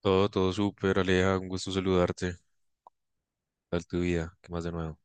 Todo, todo súper, Aleja, un gusto saludarte. ¿Qué tal tu vida? ¿Qué más de nuevo?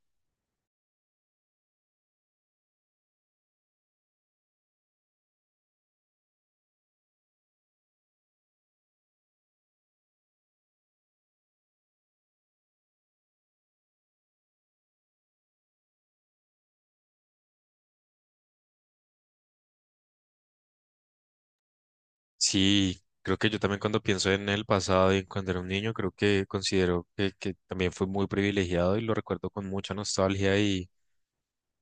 Sí, creo que yo también cuando pienso en el pasado y en cuando era un niño, creo que considero que también fue muy privilegiado y lo recuerdo con mucha nostalgia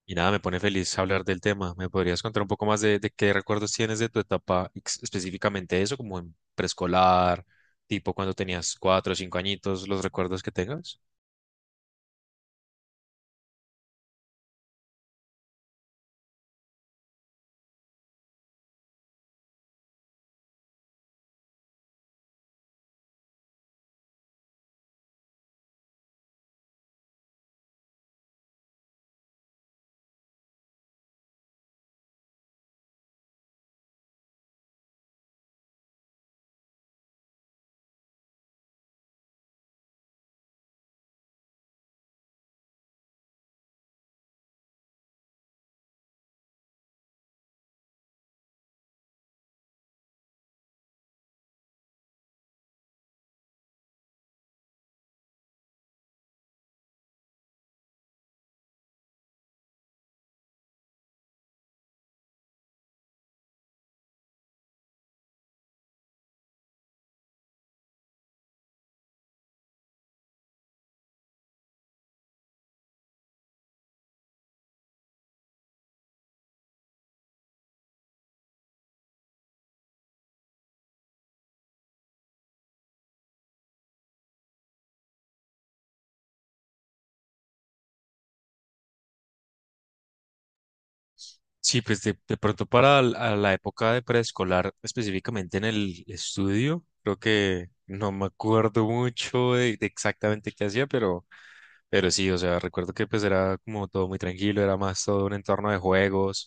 y nada, me pone feliz hablar del tema. ¿Me podrías contar un poco más de qué recuerdos tienes de tu etapa, específicamente eso, como en preescolar, tipo cuando tenías cuatro o cinco añitos, los recuerdos que tengas? Sí, pues de pronto para a la época de preescolar, específicamente en el estudio, creo que no me acuerdo mucho de exactamente qué hacía, pero sí, o sea, recuerdo que pues era como todo muy tranquilo, era más todo un entorno de juegos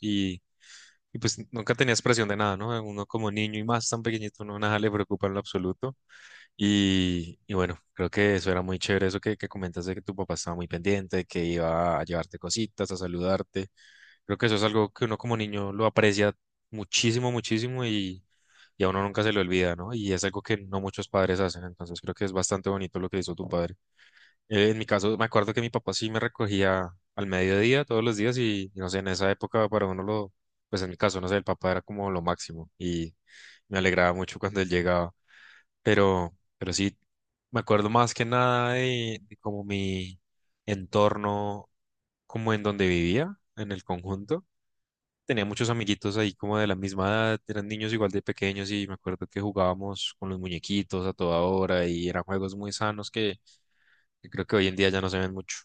y pues nunca tenías presión de nada, ¿no? Uno como niño y más tan pequeñito, no nada le preocupa en lo absoluto. Y bueno, creo que eso era muy chévere, eso que comentas de que tu papá estaba muy pendiente, que iba a llevarte cositas, a saludarte. Creo que eso es algo que uno como niño lo aprecia muchísimo, muchísimo y a uno nunca se le olvida, ¿no? Y es algo que no muchos padres hacen, entonces creo que es bastante bonito lo que hizo tu padre. En mi caso, me acuerdo que mi papá sí me recogía al mediodía todos los días y no sé, en esa época para uno lo, pues en mi caso, no sé, el papá era como lo máximo y me alegraba mucho cuando él llegaba, pero sí, me acuerdo más que nada de, de como mi entorno, como en donde vivía, en el conjunto. Tenía muchos amiguitos ahí como de la misma edad, eran niños igual de pequeños y me acuerdo que jugábamos con los muñequitos a toda hora y eran juegos muy sanos que creo que hoy en día ya no se ven mucho.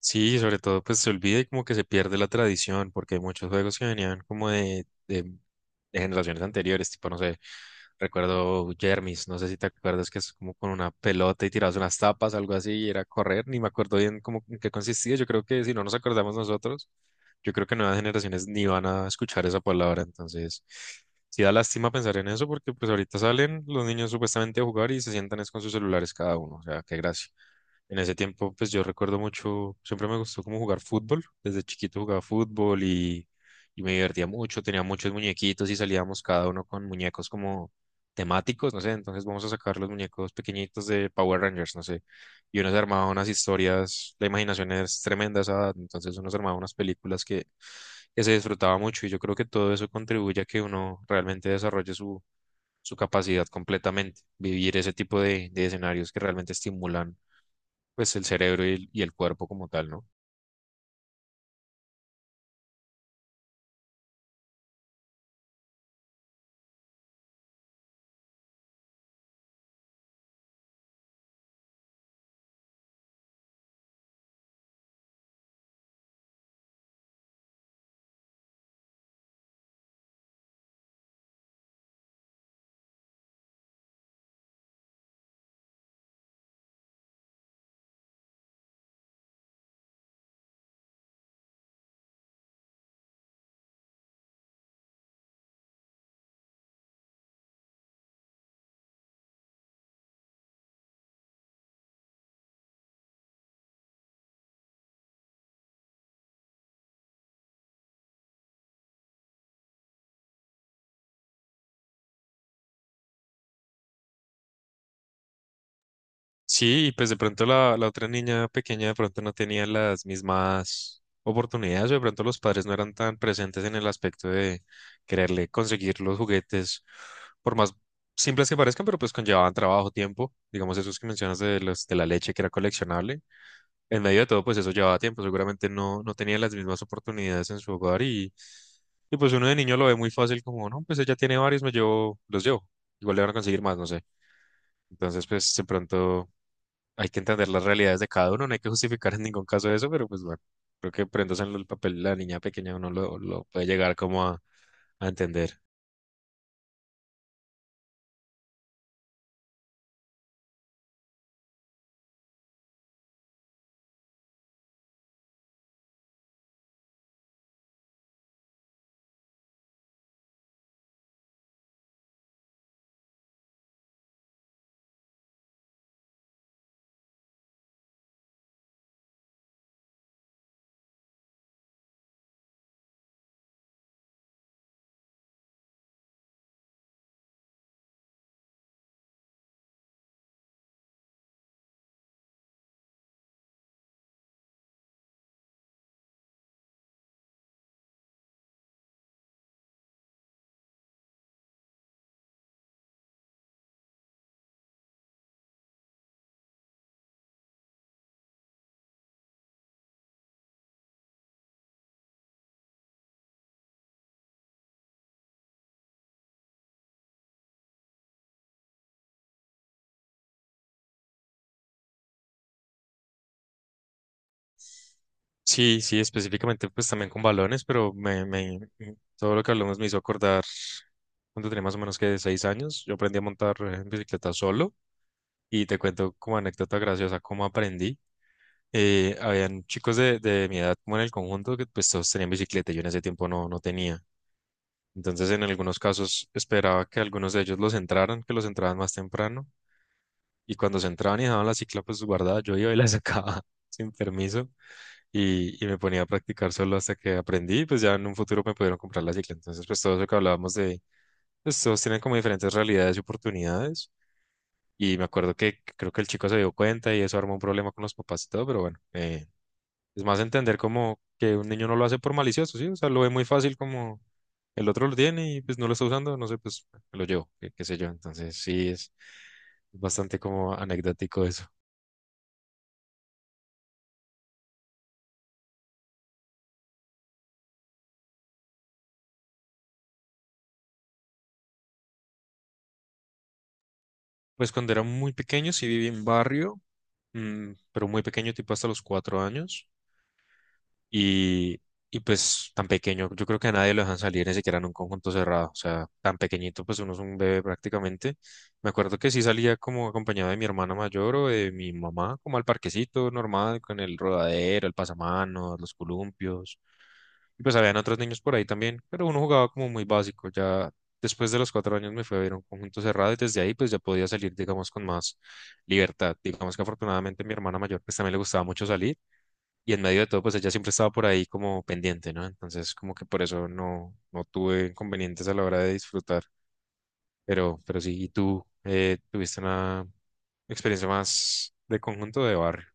Sí, sobre todo pues se olvida y como que se pierde la tradición, porque hay muchos juegos que venían como de generaciones anteriores, tipo, no sé, recuerdo Jermis, no sé si te acuerdas que es como con una pelota y tirados unas tapas, algo así, y era correr, ni me acuerdo bien cómo en qué consistía, yo creo que si no nos acordamos nosotros, yo creo que nuevas generaciones ni van a escuchar esa palabra, entonces sí da lástima pensar en eso, porque pues ahorita salen los niños supuestamente a jugar y se sientan es con sus celulares cada uno, o sea, qué gracia. En ese tiempo, pues yo recuerdo mucho, siempre me gustó como jugar fútbol. Desde chiquito jugaba fútbol y me divertía mucho. Tenía muchos muñequitos y salíamos cada uno con muñecos como temáticos, no sé. Entonces vamos a sacar los muñecos pequeñitos de Power Rangers, no sé. Y uno se armaba unas historias, la imaginación es tremenda a esa edad. Entonces uno se armaba unas películas que se disfrutaba mucho. Y yo creo que todo eso contribuye a que uno realmente desarrolle su, su capacidad completamente. Vivir ese tipo de escenarios que realmente estimulan pues el cerebro y el cuerpo como tal, ¿no? Sí, y pues de pronto la, la otra niña pequeña de pronto no tenía las mismas oportunidades, o de pronto los padres no eran tan presentes en el aspecto de quererle conseguir los juguetes, por más simples que parezcan, pero pues conllevaban trabajo, tiempo, digamos esos que mencionas de los, de la leche que era coleccionable, en medio de todo pues eso llevaba tiempo, seguramente no, no tenía las mismas oportunidades en su hogar y pues uno de niño lo ve muy fácil como, no, pues ella tiene varios, me llevo, los llevo, igual le van a conseguir más, no sé. Entonces, pues de pronto hay que entender las realidades de cada uno, no hay que justificar en ningún caso eso, pero pues bueno, creo que prendas en el papel de la niña pequeña uno lo puede llegar como a entender. Sí, sí, específicamente pues también con balones, pero me, todo lo que hablamos me hizo acordar cuando tenía más o menos que 6 años, yo aprendí a montar en bicicleta solo y te cuento como anécdota graciosa cómo aprendí. Habían chicos de mi edad como en el conjunto que pues todos tenían bicicleta, yo en ese tiempo no, no tenía. Entonces, en algunos casos esperaba que algunos de ellos los entraran, que los entraran más temprano. Y cuando se entraban y dejaban la cicla pues guardada, yo iba y la sacaba sin permiso y me ponía a practicar solo hasta que aprendí. Pues ya en un futuro me pudieron comprar la cicla. Entonces, pues todo eso que hablábamos de, pues todos tienen como diferentes realidades y oportunidades. Y me acuerdo que creo que el chico se dio cuenta y eso armó un problema con los papás y todo, pero bueno, es más entender como que un niño no lo hace por malicioso, ¿sí? O sea, lo ve muy fácil como el otro lo tiene y pues no lo está usando, no sé, pues me lo llevo, qué, qué sé yo. Entonces sí, es bastante como anecdótico eso. Pues cuando era muy pequeño sí viví en barrio, mm, pero muy pequeño, tipo hasta los 4 años. Y, y pues tan pequeño, yo creo que a nadie lo dejan salir ni siquiera en un conjunto cerrado, o sea, tan pequeñito, pues uno es un bebé prácticamente. Me acuerdo que sí salía como acompañado de mi hermana mayor o de mi mamá, como al parquecito normal, con el rodadero, el pasamanos, los columpios. Y pues habían otros niños por ahí también, pero uno jugaba como muy básico. Ya después de los 4 años me fui a ver un conjunto cerrado y desde ahí pues ya podía salir, digamos, con más libertad. Digamos que afortunadamente mi hermana mayor pues también le gustaba mucho salir y en medio de todo, pues ella siempre estaba por ahí como pendiente, ¿no? Entonces, como que por eso no, no tuve inconvenientes a la hora de disfrutar. Pero sí, ¿y tú tuviste una experiencia más de conjunto o de barrio?